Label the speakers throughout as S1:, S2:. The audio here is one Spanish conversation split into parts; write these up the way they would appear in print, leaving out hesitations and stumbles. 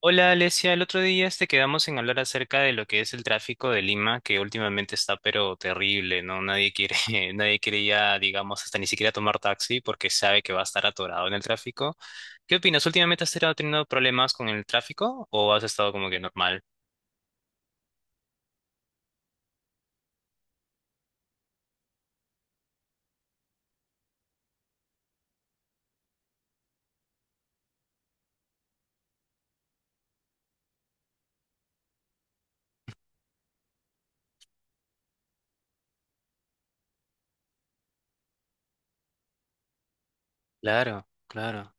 S1: Hola Alesia, el otro día quedamos en hablar acerca de lo que es el tráfico de Lima, que últimamente está pero terrible, ¿no? Nadie quiere, nadie quiere ya, digamos, hasta ni siquiera tomar taxi porque sabe que va a estar atorado en el tráfico. ¿Qué opinas? ¿Últimamente has estado teniendo problemas con el tráfico o has estado como que normal? Claro, claro.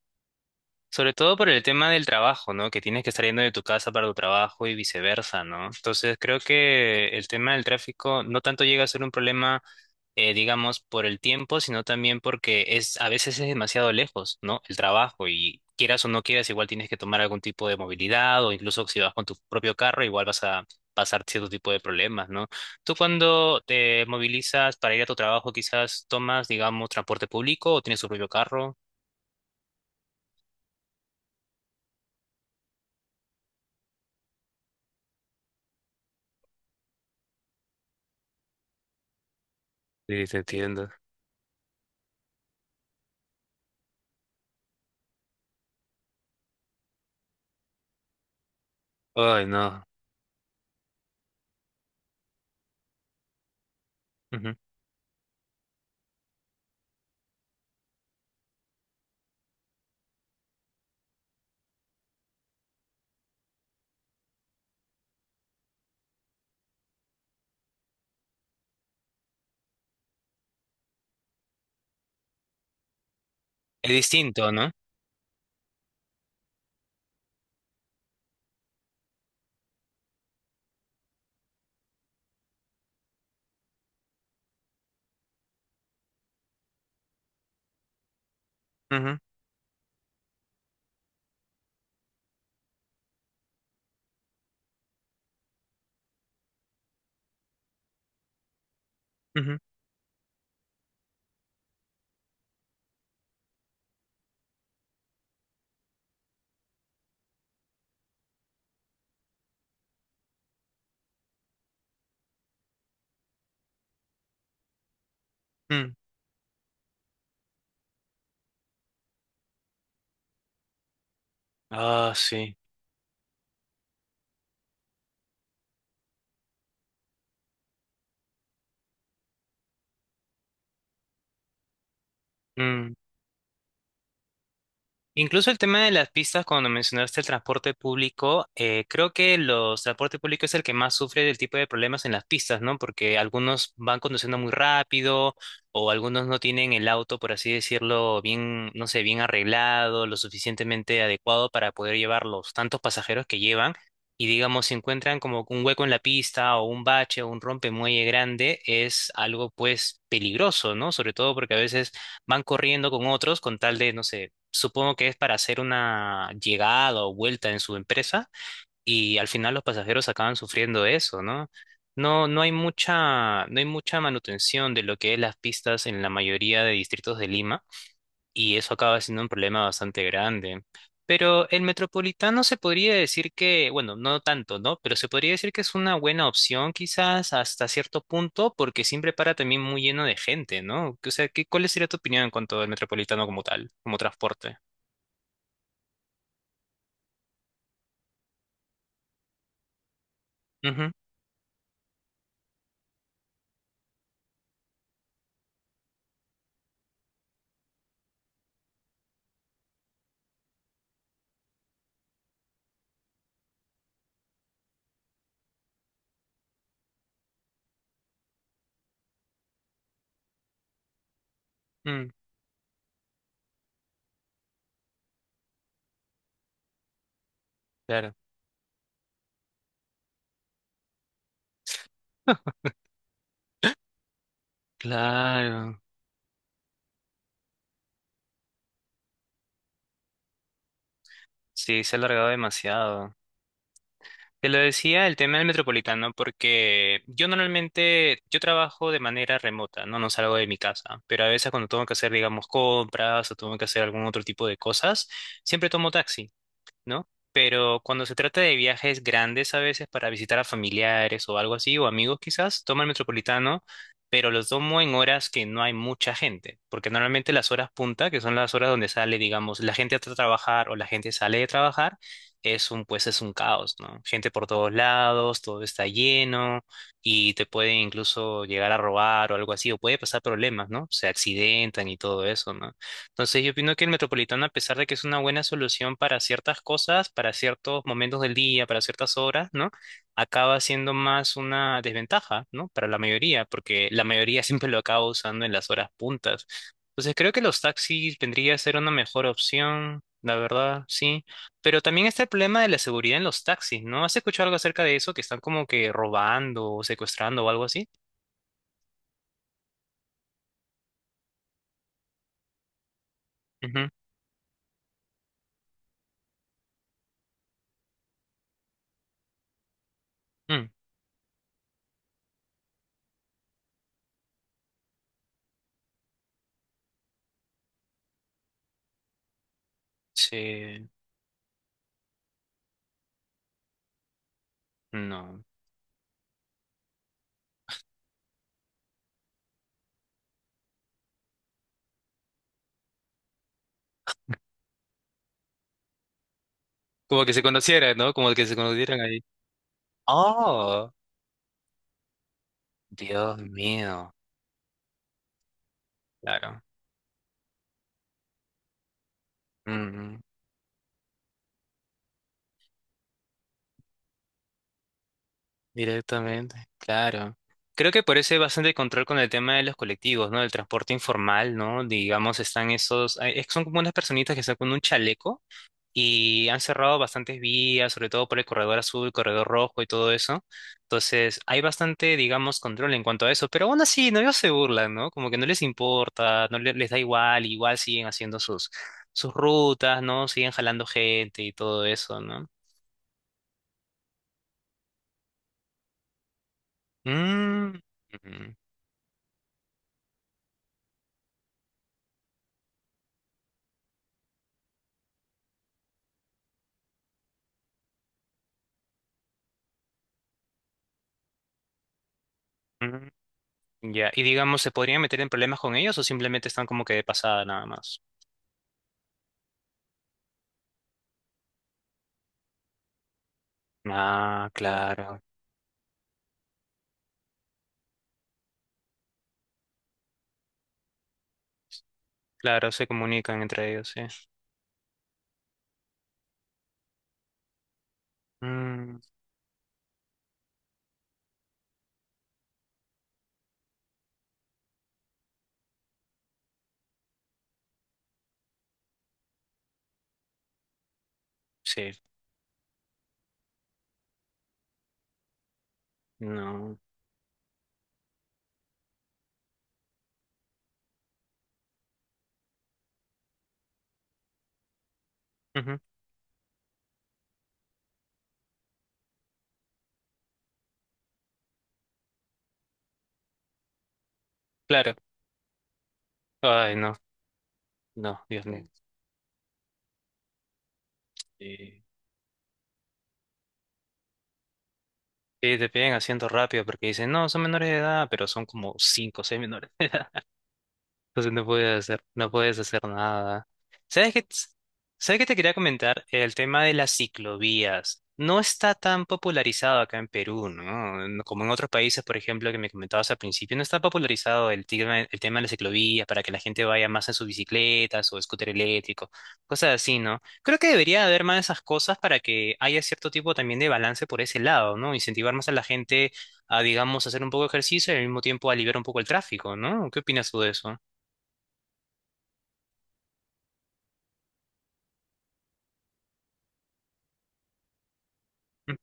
S1: Sobre todo por el tema del trabajo, ¿no? Que tienes que estar yendo de tu casa para tu trabajo y viceversa, ¿no? Entonces creo que el tema del tráfico no tanto llega a ser un problema digamos, por el tiempo, sino también porque es a veces es demasiado lejos, ¿no? El trabajo y quieras o no quieras, igual tienes que tomar algún tipo de movilidad o incluso si vas con tu propio carro, igual vas a pasar cierto tipo de problemas, ¿no? Tú cuando te movilizas para ir a tu trabajo, quizás tomas, digamos, transporte público o tienes tu propio carro. Sí, te entiendo. Ay, no. Ujú. Es distinto, ¿no? Ujú, ujú, mm. Ah, sí. Mm. Incluso el tema de las pistas, cuando mencionaste el transporte público, creo que los transporte público es el que más sufre del tipo de problemas en las pistas, ¿no? Porque algunos van conduciendo muy rápido o algunos no tienen el auto, por así decirlo, bien, no sé, bien arreglado, lo suficientemente adecuado para poder llevar los tantos pasajeros que llevan. Y digamos, si encuentran como un hueco en la pista o un bache o un rompemuelle grande, es algo pues peligroso, ¿no? Sobre todo porque a veces van corriendo con otros con tal de, no sé, supongo que es para hacer una llegada o vuelta en su empresa y al final los pasajeros acaban sufriendo eso, ¿no? No hay mucha manutención de lo que es las pistas en la mayoría de distritos de Lima y eso acaba siendo un problema bastante grande. Pero el metropolitano se podría decir que, bueno, no tanto, ¿no? Pero se podría decir que es una buena opción quizás hasta cierto punto porque siempre para también muy lleno de gente, ¿no? O sea, ¿qué, cuál sería tu opinión en cuanto al metropolitano como tal, como transporte? Mm, claro. Claro. Sí, se ha alargado demasiado. Te lo decía el tema del metropolitano porque yo normalmente, yo trabajo de manera remota, ¿no? No salgo de mi casa, pero a veces cuando tengo que hacer, digamos, compras o tengo que hacer algún otro tipo de cosas, siempre tomo taxi. ¿No? Pero cuando se trata de viajes grandes a veces para visitar a familiares o algo así, o amigos quizás, toma el metropolitano, pero los tomo en horas que no hay mucha gente, porque normalmente las horas punta, que son las horas donde sale, digamos, la gente a trabajar o la gente sale de trabajar, es un, pues es un caos, ¿no? Gente por todos lados, todo está lleno y te pueden incluso llegar a robar o algo así, o puede pasar problemas, ¿no? Se accidentan y todo eso, ¿no? Entonces, yo opino que el Metropolitano, a pesar de que es una buena solución para ciertas cosas, para ciertos momentos del día, para ciertas horas, ¿no? Acaba siendo más una desventaja, ¿no? Para la mayoría, porque la mayoría siempre lo acaba usando en las horas puntas. Entonces, creo que los taxis vendría a ser una mejor opción, la verdad, sí. Pero también está el problema de la seguridad en los taxis, ¿no? ¿Has escuchado algo acerca de eso? Que están como que robando o secuestrando o algo así. Ujú. Mm. Sí, no. Como que se conocieran, ¿no? Como que se conocieran. Oh, Dios mío. Claro. Mm, directamente, claro. Creo que por eso hay bastante control con el tema de los colectivos, ¿no? Del transporte informal, ¿no? Digamos, están esos, son como unas personitas que están con un chaleco, y han cerrado bastantes vías, sobre todo por el corredor azul, corredor rojo y todo eso. Entonces, hay bastante, digamos, control en cuanto a eso, pero aún así, no, ellos se burlan, ¿no? Como que no les importa, no le- les da igual, igual siguen haciendo sus, sus rutas, ¿no? Siguen jalando gente y todo eso, ¿no? Mm, ujú, ujú. Ya, y digamos, ¿se podrían meter en problemas con ellos o simplemente están como que de pasada nada más? Ah, claro, claro, se comunican entre ellos, sí. Mm, sí, no. Claro. Ay, no, no, Dios mío. Eh, que te piden asiento rápido porque dicen, no, son menores de edad, pero son como cinco o seis menores. Entonces no puedes hacer, no puedes hacer nada. ¿Sabes qué, sabes qué te quería comentar? El tema de las ciclovías. No está tan popularizado acá en Perú, ¿no? No como en otros países, por ejemplo, que me comentabas al principio, no está popularizado el tema de la ciclovía para que la gente vaya más en sus bicicletas o scooter eléctrico, cosas así, ¿no? Creo que debería haber más de esas cosas para que haya cierto tipo también de balance por ese lado, ¿no? Incentivar más a la gente a, digamos, hacer un poco de ejercicio y al mismo tiempo aliviar un poco el tráfico, ¿no? ¿Qué opinas tú de eso? Mm,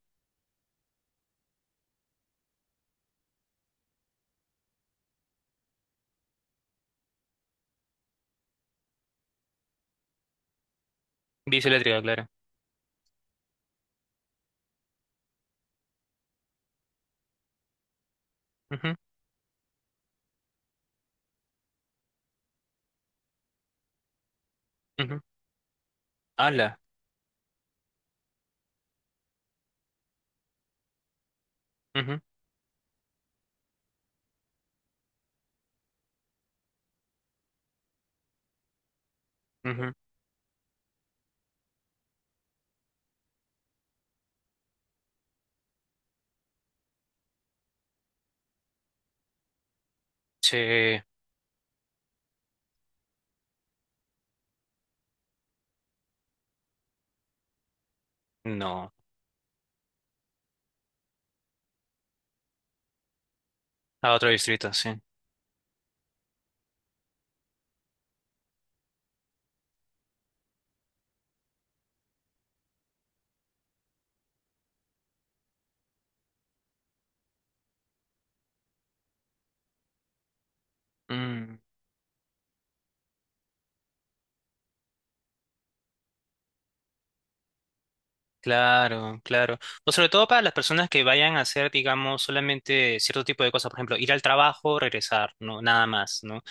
S1: bici eléctrica, claro. Ujú, ujú. Ala. Ujú, ujú. Sí, no. A otro distrito, sí. Mm. Claro, claro. O sobre todo para las personas que vayan a hacer, digamos, solamente cierto tipo de cosas, por ejemplo, ir al trabajo, regresar, ¿no? Nada más, ¿no?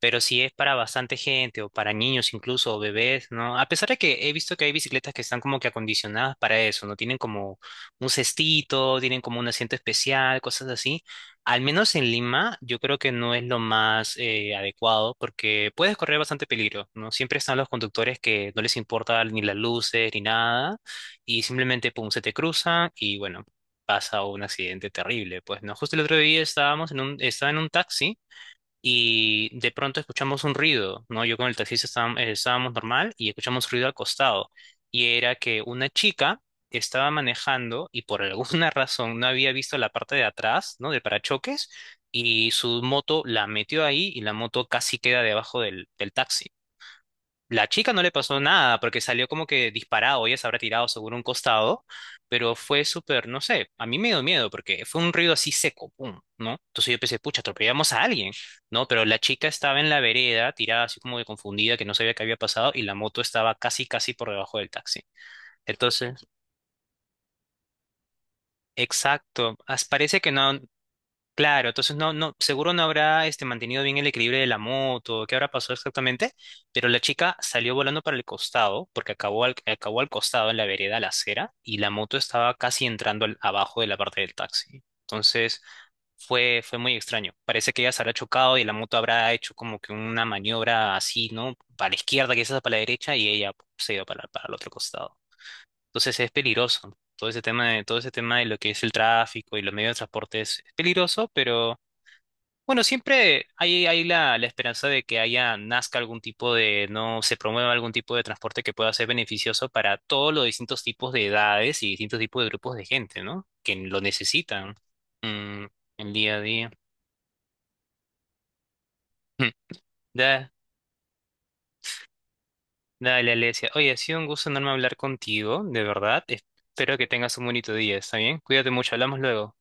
S1: Pero si es para bastante gente o para niños incluso o bebés, ¿no? A pesar de que he visto que hay bicicletas que están como que acondicionadas para eso, ¿no? Tienen como un cestito, tienen como un asiento especial, cosas así. Al menos en Lima, yo creo que no es lo más adecuado porque puedes correr bastante peligro, ¿no? Siempre están los conductores que no les importa ni las luces ni nada y simplemente, pum, se te cruza y bueno, pasa un accidente terrible. Pues no, justo el otro día estaba en un taxi y de pronto escuchamos un ruido, ¿no? Yo con el taxista estábamos, normal y escuchamos ruido al costado y era que una chica estaba manejando y por alguna razón no había visto la parte de atrás, ¿no? Del parachoques y su moto la metió ahí y la moto casi queda debajo del taxi. La chica no le pasó nada porque salió como que disparado, ella se habrá tirado seguro a un costado, pero fue súper, no sé, a mí me dio miedo porque fue un ruido así seco, pum, ¿no? Entonces yo pensé, pucha, atropellamos a alguien, ¿no? Pero la chica estaba en la vereda, tirada así como de confundida, que no sabía qué había pasado y la moto estaba casi, casi por debajo del taxi. Entonces, exacto, parece que no. Claro, entonces no, no, seguro no habrá mantenido bien el equilibrio de la moto, qué habrá pasado exactamente, pero la chica salió volando para el costado, porque acabó al costado en la vereda, a la acera, y la moto estaba casi entrando abajo de la parte del taxi. Entonces fue, fue muy extraño. Parece que ella se habrá chocado y la moto habrá hecho como que una maniobra así, ¿no? Para la izquierda, quizás para la derecha, y ella se iba para el otro costado. Entonces es peligroso. Todo ese tema de, todo ese tema de lo que es el tráfico y los medios de transporte es peligroso, pero bueno, siempre hay, hay la, la esperanza de que haya, nazca algún tipo de, no se promueva algún tipo de transporte que pueda ser beneficioso para todos los distintos tipos de edades y distintos tipos de grupos de gente, ¿no? Que lo necesitan mm, el día a día. Mm. Da- dale, Alesia. Oye, ha sido un gusto enorme hablar contigo, de verdad. Espero que tengas un bonito día, ¿está bien? Cuídate mucho, hablamos luego.